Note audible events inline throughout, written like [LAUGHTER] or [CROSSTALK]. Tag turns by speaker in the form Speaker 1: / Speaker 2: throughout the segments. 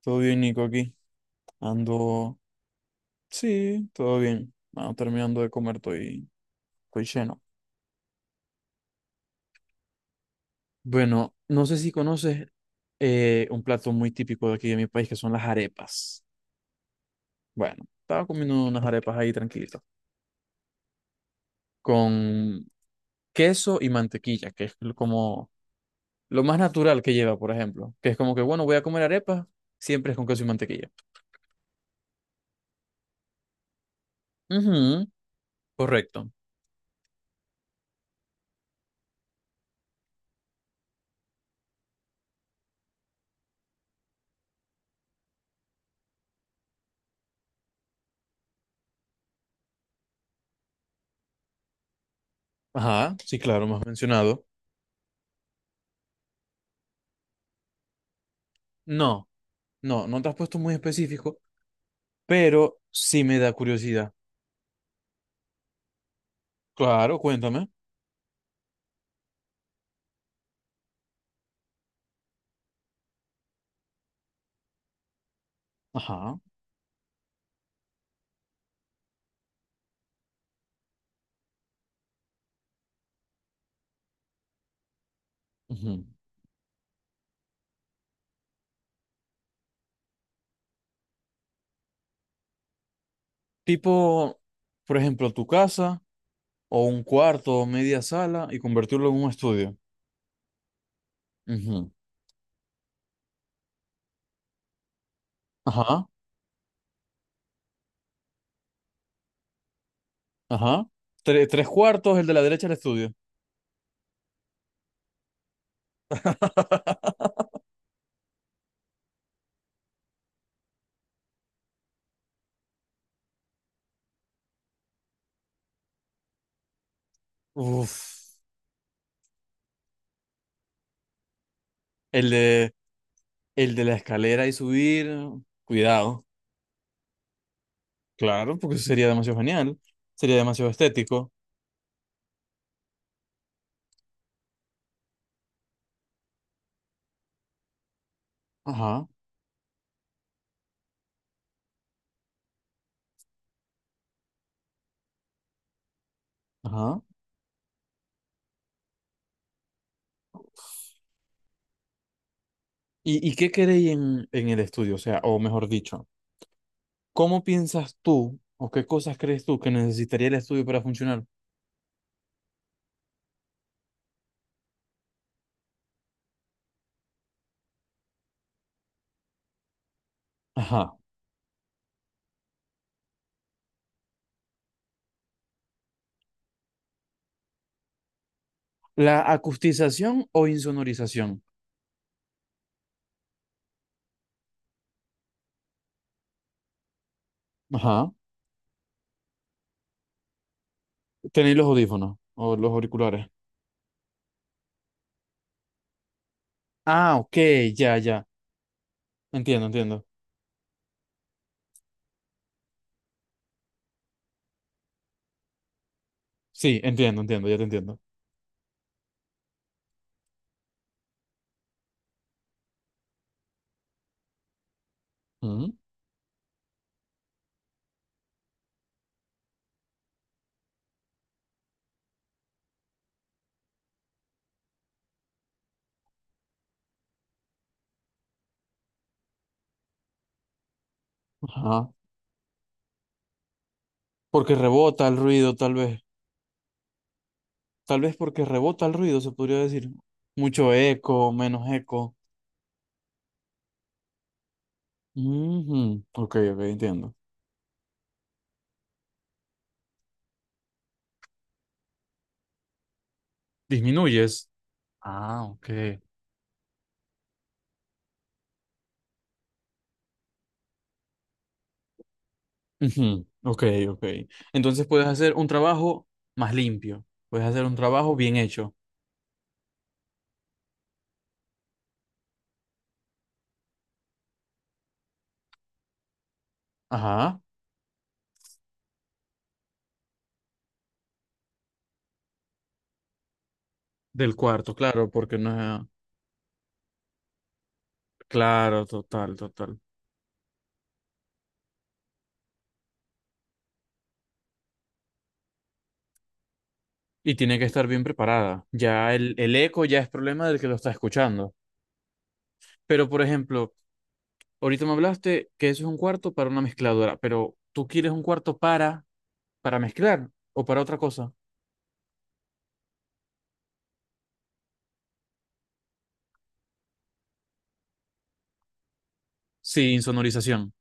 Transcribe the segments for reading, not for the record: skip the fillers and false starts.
Speaker 1: Todo bien, Nico, aquí. Ando. Sí, todo bien. Ando terminando de comer, estoy lleno. Bueno, no sé si conoces un plato muy típico de aquí de mi país, que son las arepas. Bueno, estaba comiendo unas arepas ahí tranquilito, con queso y mantequilla, que es como lo más natural que lleva, por ejemplo. Que es como que, bueno, voy a comer arepas, siempre es con queso y mantequilla. Ujú, correcto. Ajá, sí, claro, me has mencionado. No, no, no te has puesto muy específico, pero sí me da curiosidad. Claro, cuéntame. Ajá. Ujú. Tipo, por ejemplo, tu casa o un cuarto o media sala y convertirlo en un estudio. Ujú. Ajá, ajá. Tres cuartos, el de la derecha el estudio. [LAUGHS] Uf, el de, el de la escalera y subir, cuidado. Claro, porque eso sería demasiado genial, sería demasiado estético. Ajá, ajá. Y qué queréis en el estudio? O sea, o mejor dicho, ¿cómo piensas tú o qué cosas crees tú que necesitaría el estudio para funcionar? Ajá. ¿La acustización o insonorización? Ajá. Tenéis los audífonos o los auriculares. Ah, ok, ya, ya. Entiendo, entiendo. Sí, entiendo, entiendo, ya te entiendo. Ujú. Ajá. Porque rebota el ruido, tal vez. Tal vez porque rebota el ruido, se podría decir. Mucho eco, menos eco. Ujú. Ok, ok, entiendo. Disminuyes. Ah, ok. Ujú, ok, ok. Entonces puedes hacer un trabajo más limpio, puedes hacer un trabajo bien hecho. Ajá, del cuarto, claro, porque no es... Claro, total, total. Y tiene que estar bien preparada. Ya el eco ya es problema del que lo está escuchando. Pero, por ejemplo, ahorita me hablaste que eso es un cuarto para una mezcladora, pero ¿tú quieres un cuarto para mezclar o para otra cosa? Sin sonorización.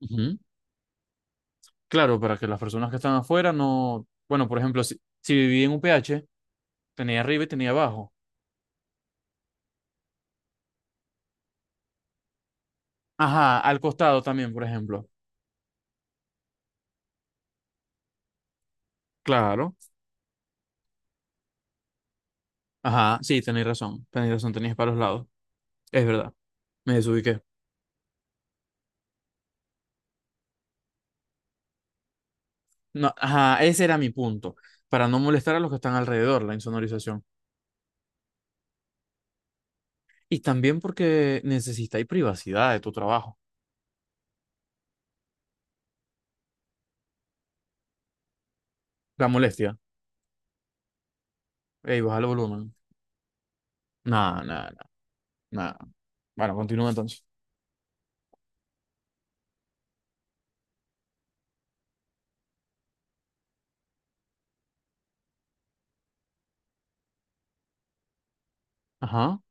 Speaker 1: Ujú. Claro, para que las personas que están afuera no... Bueno, por ejemplo, si, si viví en un PH... Tenía arriba y tenía abajo. Ajá, al costado también, por ejemplo. Claro. Ajá, sí, tenéis razón. Tenéis razón, tenéis para los lados. Es verdad. Me desubiqué. No, ajá, ese era mi punto. Para no molestar a los que están alrededor, la insonorización. Y también porque necesitáis privacidad de tu trabajo. La molestia. Ey, baja el volumen. Nada, nada, nada. Bueno, continúa entonces. Ajá.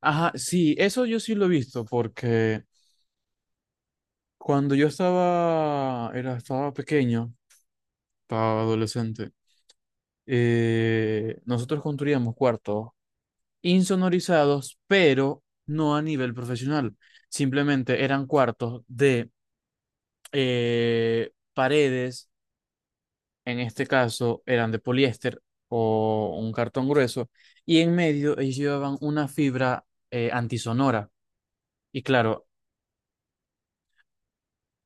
Speaker 1: Ajá, sí, eso yo sí lo he visto porque cuando yo estaba pequeño, estaba adolescente, nosotros construíamos cuartos insonorizados, pero no a nivel profesional. Simplemente eran cuartos de paredes, en este caso eran de poliéster o un cartón grueso, y en medio ellos llevaban una fibra antisonora. Y claro,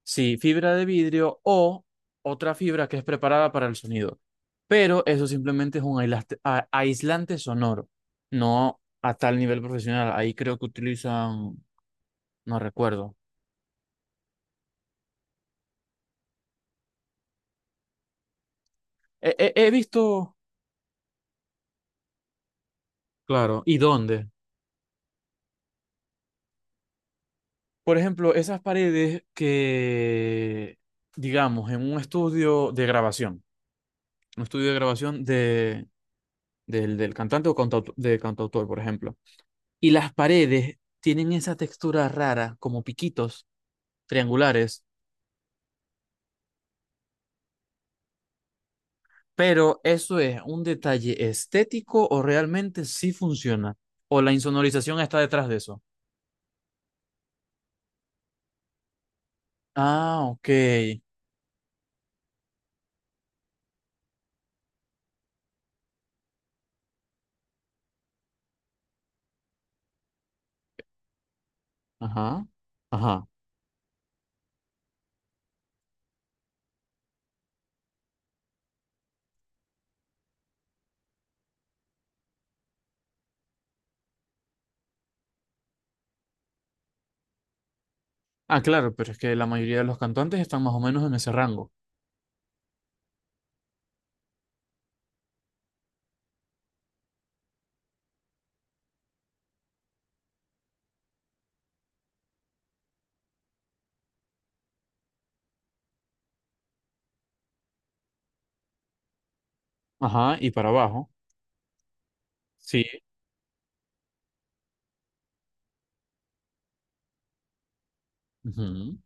Speaker 1: sí, fibra de vidrio o otra fibra que es preparada para el sonido. Pero eso simplemente es un aislante sonoro, no a tal nivel profesional. Ahí creo que utilizan, no recuerdo. He visto, claro, ¿y dónde? Por ejemplo, esas paredes que, digamos, en un estudio de grabación, un estudio de grabación de, del cantante o cantautor, de cantautor, por ejemplo. Y las paredes tienen esa textura rara, como piquitos triangulares, pero ¿eso es un detalle estético o realmente sí funciona? ¿O la insonorización está detrás de eso? Ah, ok. Ajá. Ajá. Ah, claro, pero es que la mayoría de los cantantes están más o menos en ese rango. Ajá, y para abajo. Sí. Ujú.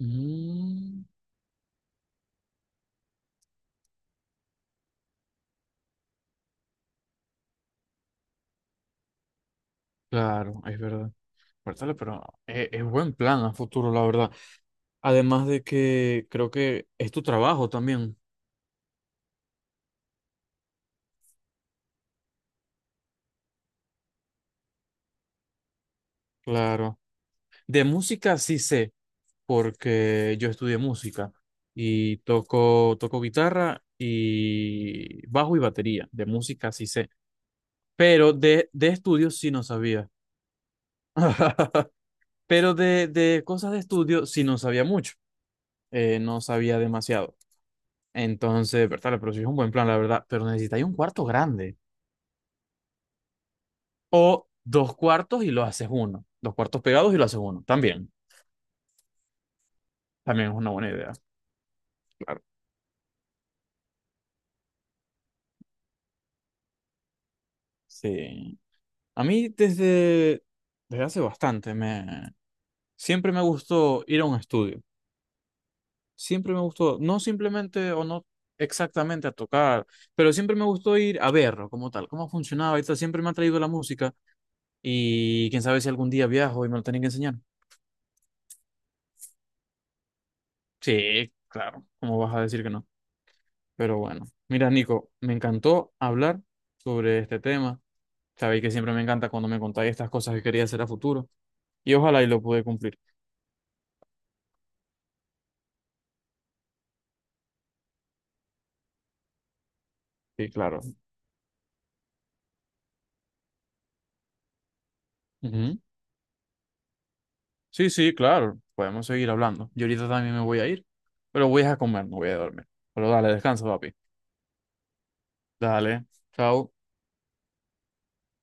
Speaker 1: Mm, claro, es verdad. Cuéntale, pero es buen plan a futuro, la verdad. Además de que creo que es tu trabajo también. Claro. De música sí sé, porque yo estudié música y toco, toco guitarra y bajo y batería. De música sí sé, pero de estudios sí no sabía. [LAUGHS] Pero de cosas de estudio sí no sabía mucho, no sabía demasiado. Entonces, verdad, pero sí es un buen plan, la verdad, pero necesitáis un cuarto grande o dos cuartos y lo haces uno. Dos cuartos pegados y lo haces uno. También, también es una buena idea, claro. Sí. A mí desde hace bastante me siempre me gustó ir a un estudio. Siempre me gustó, no simplemente o no exactamente a tocar, pero siempre me gustó ir a verlo como tal, cómo funcionaba y tal. Siempre me ha traído la música y quién sabe si algún día viajo y me lo tienen que enseñar. Sí, claro, ¿cómo vas a decir que no? Pero bueno, mira, Nico, me encantó hablar sobre este tema. Sabéis que siempre me encanta cuando me contáis estas cosas que quería hacer a futuro y ojalá y lo pude cumplir. Sí, claro. Ujú. Sí, sí, claro, podemos seguir hablando. Yo ahorita también me voy a ir, pero voy a comer, no voy a dormir. Pero dale, descansa, papi. Dale, chao.